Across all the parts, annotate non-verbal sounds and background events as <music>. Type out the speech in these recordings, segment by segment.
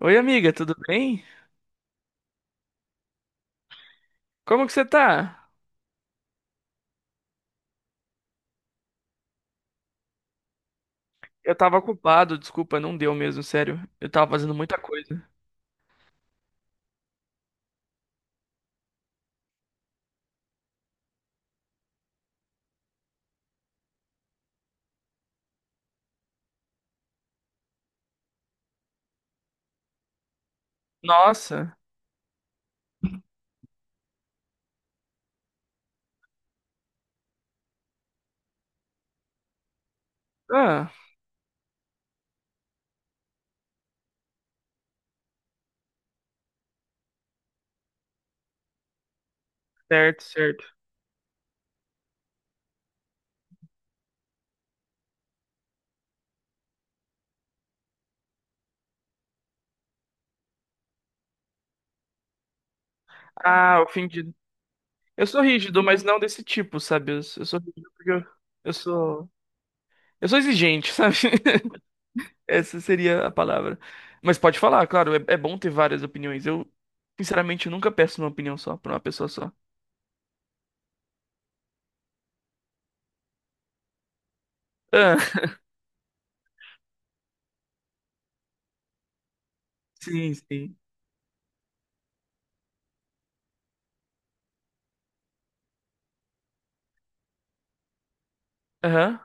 Oi, amiga, tudo bem? Como que você tá? Eu tava ocupado, desculpa, não deu mesmo, sério. Eu tava fazendo muita coisa. Nossa. Ah, certo, certo. Ah, ofendido. Eu sou rígido, mas não desse tipo, sabe? Eu sou rígido porque eu sou. Eu sou exigente, sabe? <laughs> Essa seria a palavra. Mas pode falar, claro, é bom ter várias opiniões. Eu, sinceramente, nunca peço uma opinião só, pra uma pessoa só. Ah, <laughs> sim, sim. Aham,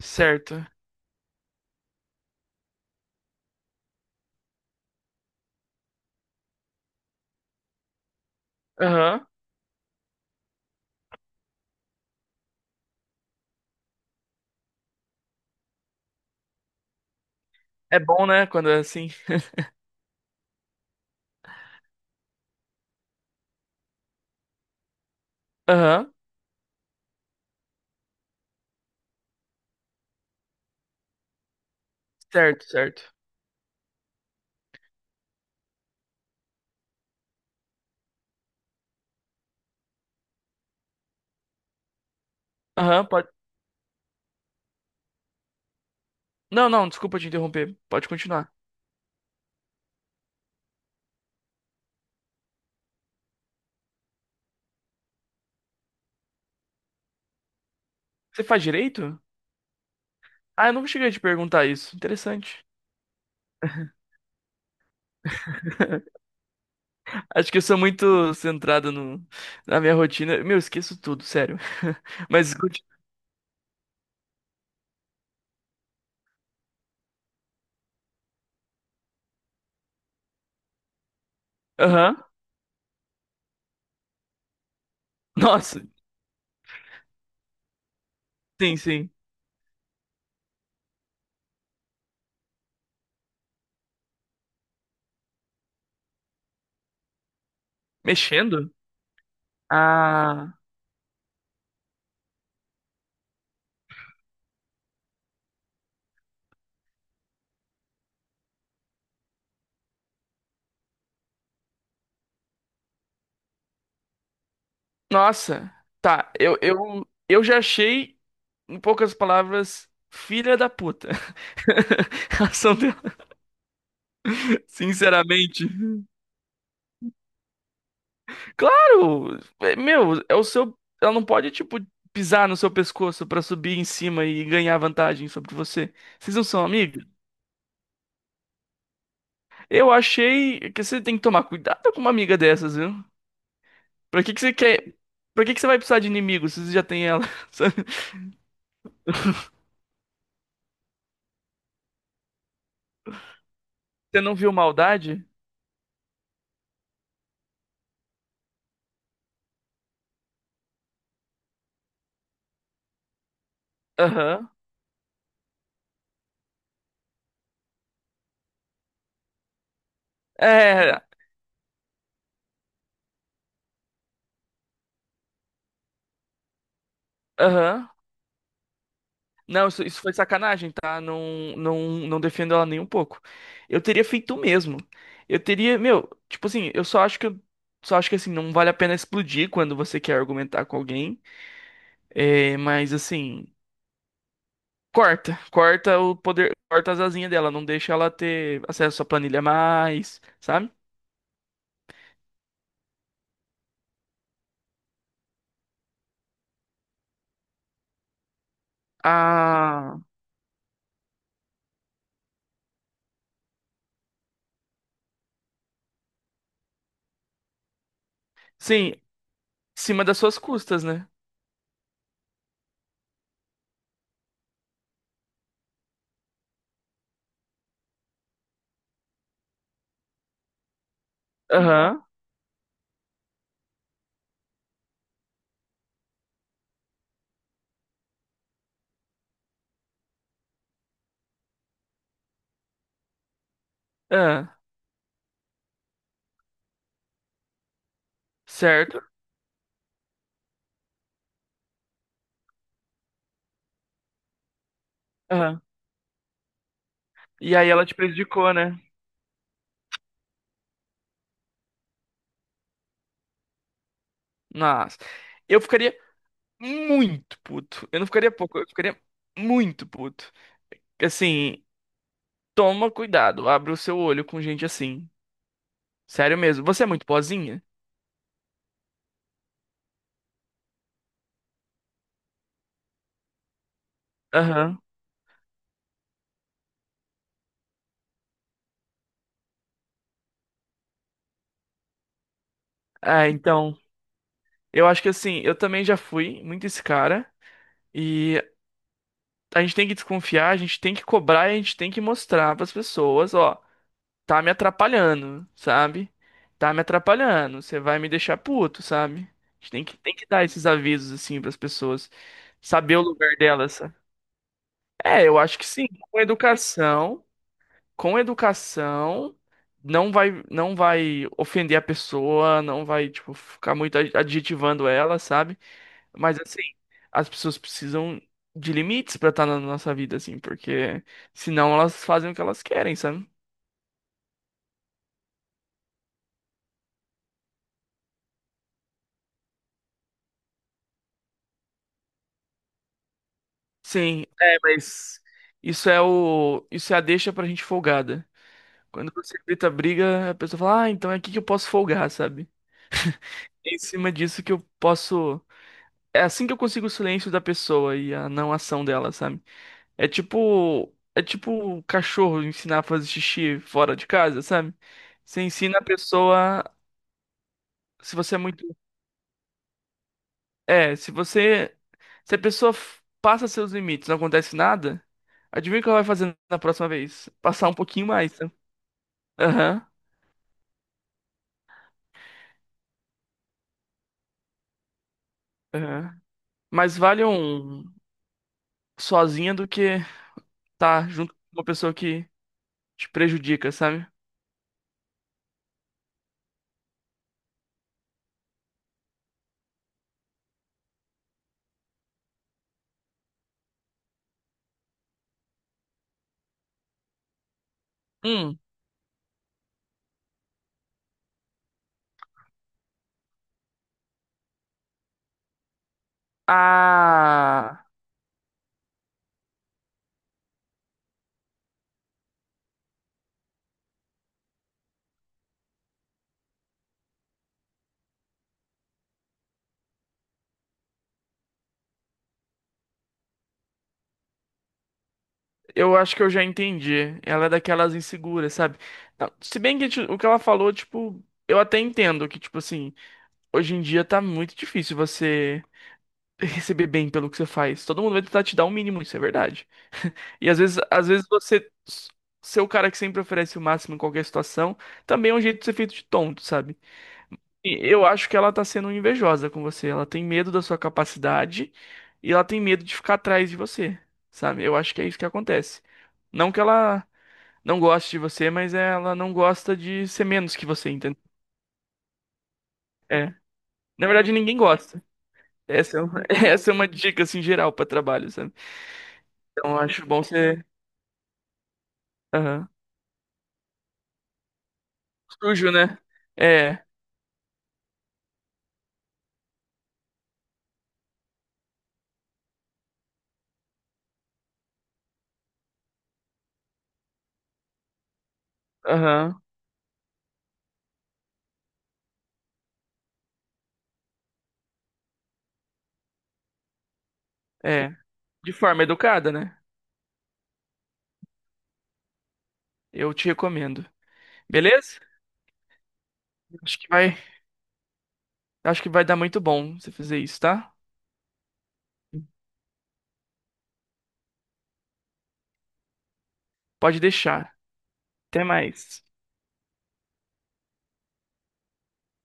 certo. Aham. É bom, né, quando é assim. Aham. Certo, certo. Aham, pode. Não, não, desculpa te interromper. Pode continuar. Você faz direito? Ah, eu nunca cheguei a te perguntar isso. Interessante. <laughs> Acho que eu sou muito centrado no, na minha rotina. Meu, eu esqueço tudo, sério. <laughs> Mas aham. Nossa, sim, sim. Mexendo? Ah. Nossa. Tá, eu já achei, em poucas palavras, filha da puta. <laughs> A ação dela, sinceramente. Claro, meu, é o seu. Ela não pode, tipo, pisar no seu pescoço pra subir em cima e ganhar vantagem sobre você. Vocês não são amigas. Eu achei que você tem que tomar cuidado com uma amiga dessas, viu? Pra que que você quer. Pra que que você vai precisar de inimigo se você já tem ela? <laughs> Sabe? Você não viu maldade? Aham. É, aham. Não, isso foi sacanagem, tá? Não, não defendo ela nem um pouco. Eu teria feito o mesmo. Eu teria, meu, tipo assim, só acho que assim, não vale a pena explodir quando você quer argumentar com alguém. É, mas assim, corta o poder, corta as asinhas dela, não deixa ela ter acesso à planilha mais, sabe? Ah, sim, em cima das suas custas, né? Aham, ah, certo. Aham. E aí ela te prejudicou, né? Nossa. Eu ficaria muito puto. Eu não ficaria pouco, eu ficaria muito puto. Assim, toma cuidado, abre o seu olho com gente assim. Sério mesmo. Você é muito boazinha? Aham. Ah, então. Eu acho que assim, eu também já fui muito esse cara. E a gente tem que desconfiar, a gente tem que cobrar, e a gente tem que mostrar pras pessoas, ó, tá me atrapalhando, sabe? Tá me atrapalhando, você vai me deixar puto, sabe? A gente tem que dar esses avisos assim pras pessoas, saber o lugar delas. É, eu acho que sim. Com educação, não vai ofender a pessoa, não vai, tipo, ficar muito adjetivando ela, sabe? Mas assim, as pessoas precisam de limites pra estar na nossa vida, assim, porque senão elas fazem o que elas querem, sabe? Sim, é, mas isso é a deixa pra gente folgada. Quando você grita briga, a pessoa fala, ah, então é aqui que eu posso folgar, sabe? É. Em cima disso que eu posso. É assim que eu consigo o silêncio da pessoa e a não ação dela, sabe? É tipo o cachorro ensinar a fazer xixi fora de casa, sabe? Você ensina a pessoa, se você é muito, é, se você, se a pessoa passa seus limites, não acontece nada, adivinha o que ela vai fazer na próxima vez? Passar um pouquinho mais, né? Aham, aham. Mas vale um sozinha do que tá junto com uma pessoa que te prejudica, sabe? Hum. Ah. Eu acho que eu já entendi. Ela é daquelas inseguras, sabe? Não, se bem que o que ela falou, tipo, eu até entendo que, tipo assim, hoje em dia tá muito difícil você <laughs> receber bem pelo que você faz. Todo mundo vai tentar te dar o mínimo, isso é verdade. E às vezes você ser o cara que sempre oferece o máximo em qualquer situação, também é um jeito de ser feito de tonto, sabe? E eu acho que ela tá sendo invejosa com você. Ela tem medo da sua capacidade e ela tem medo de ficar atrás de você, sabe? Eu acho que é isso que acontece. Não que ela não gosta de você, mas ela não gosta de ser menos que você, entende? É. Na verdade, ninguém gosta. Essa é uma, <laughs> essa é uma dica, assim, geral pra trabalho, sabe? Então, eu acho bom ser aham. Sujo, né? É, aham, é. De forma educada, né? Eu te recomendo. Beleza? Acho que vai, acho que vai dar muito bom você fazer isso, tá? Pode deixar. Até mais.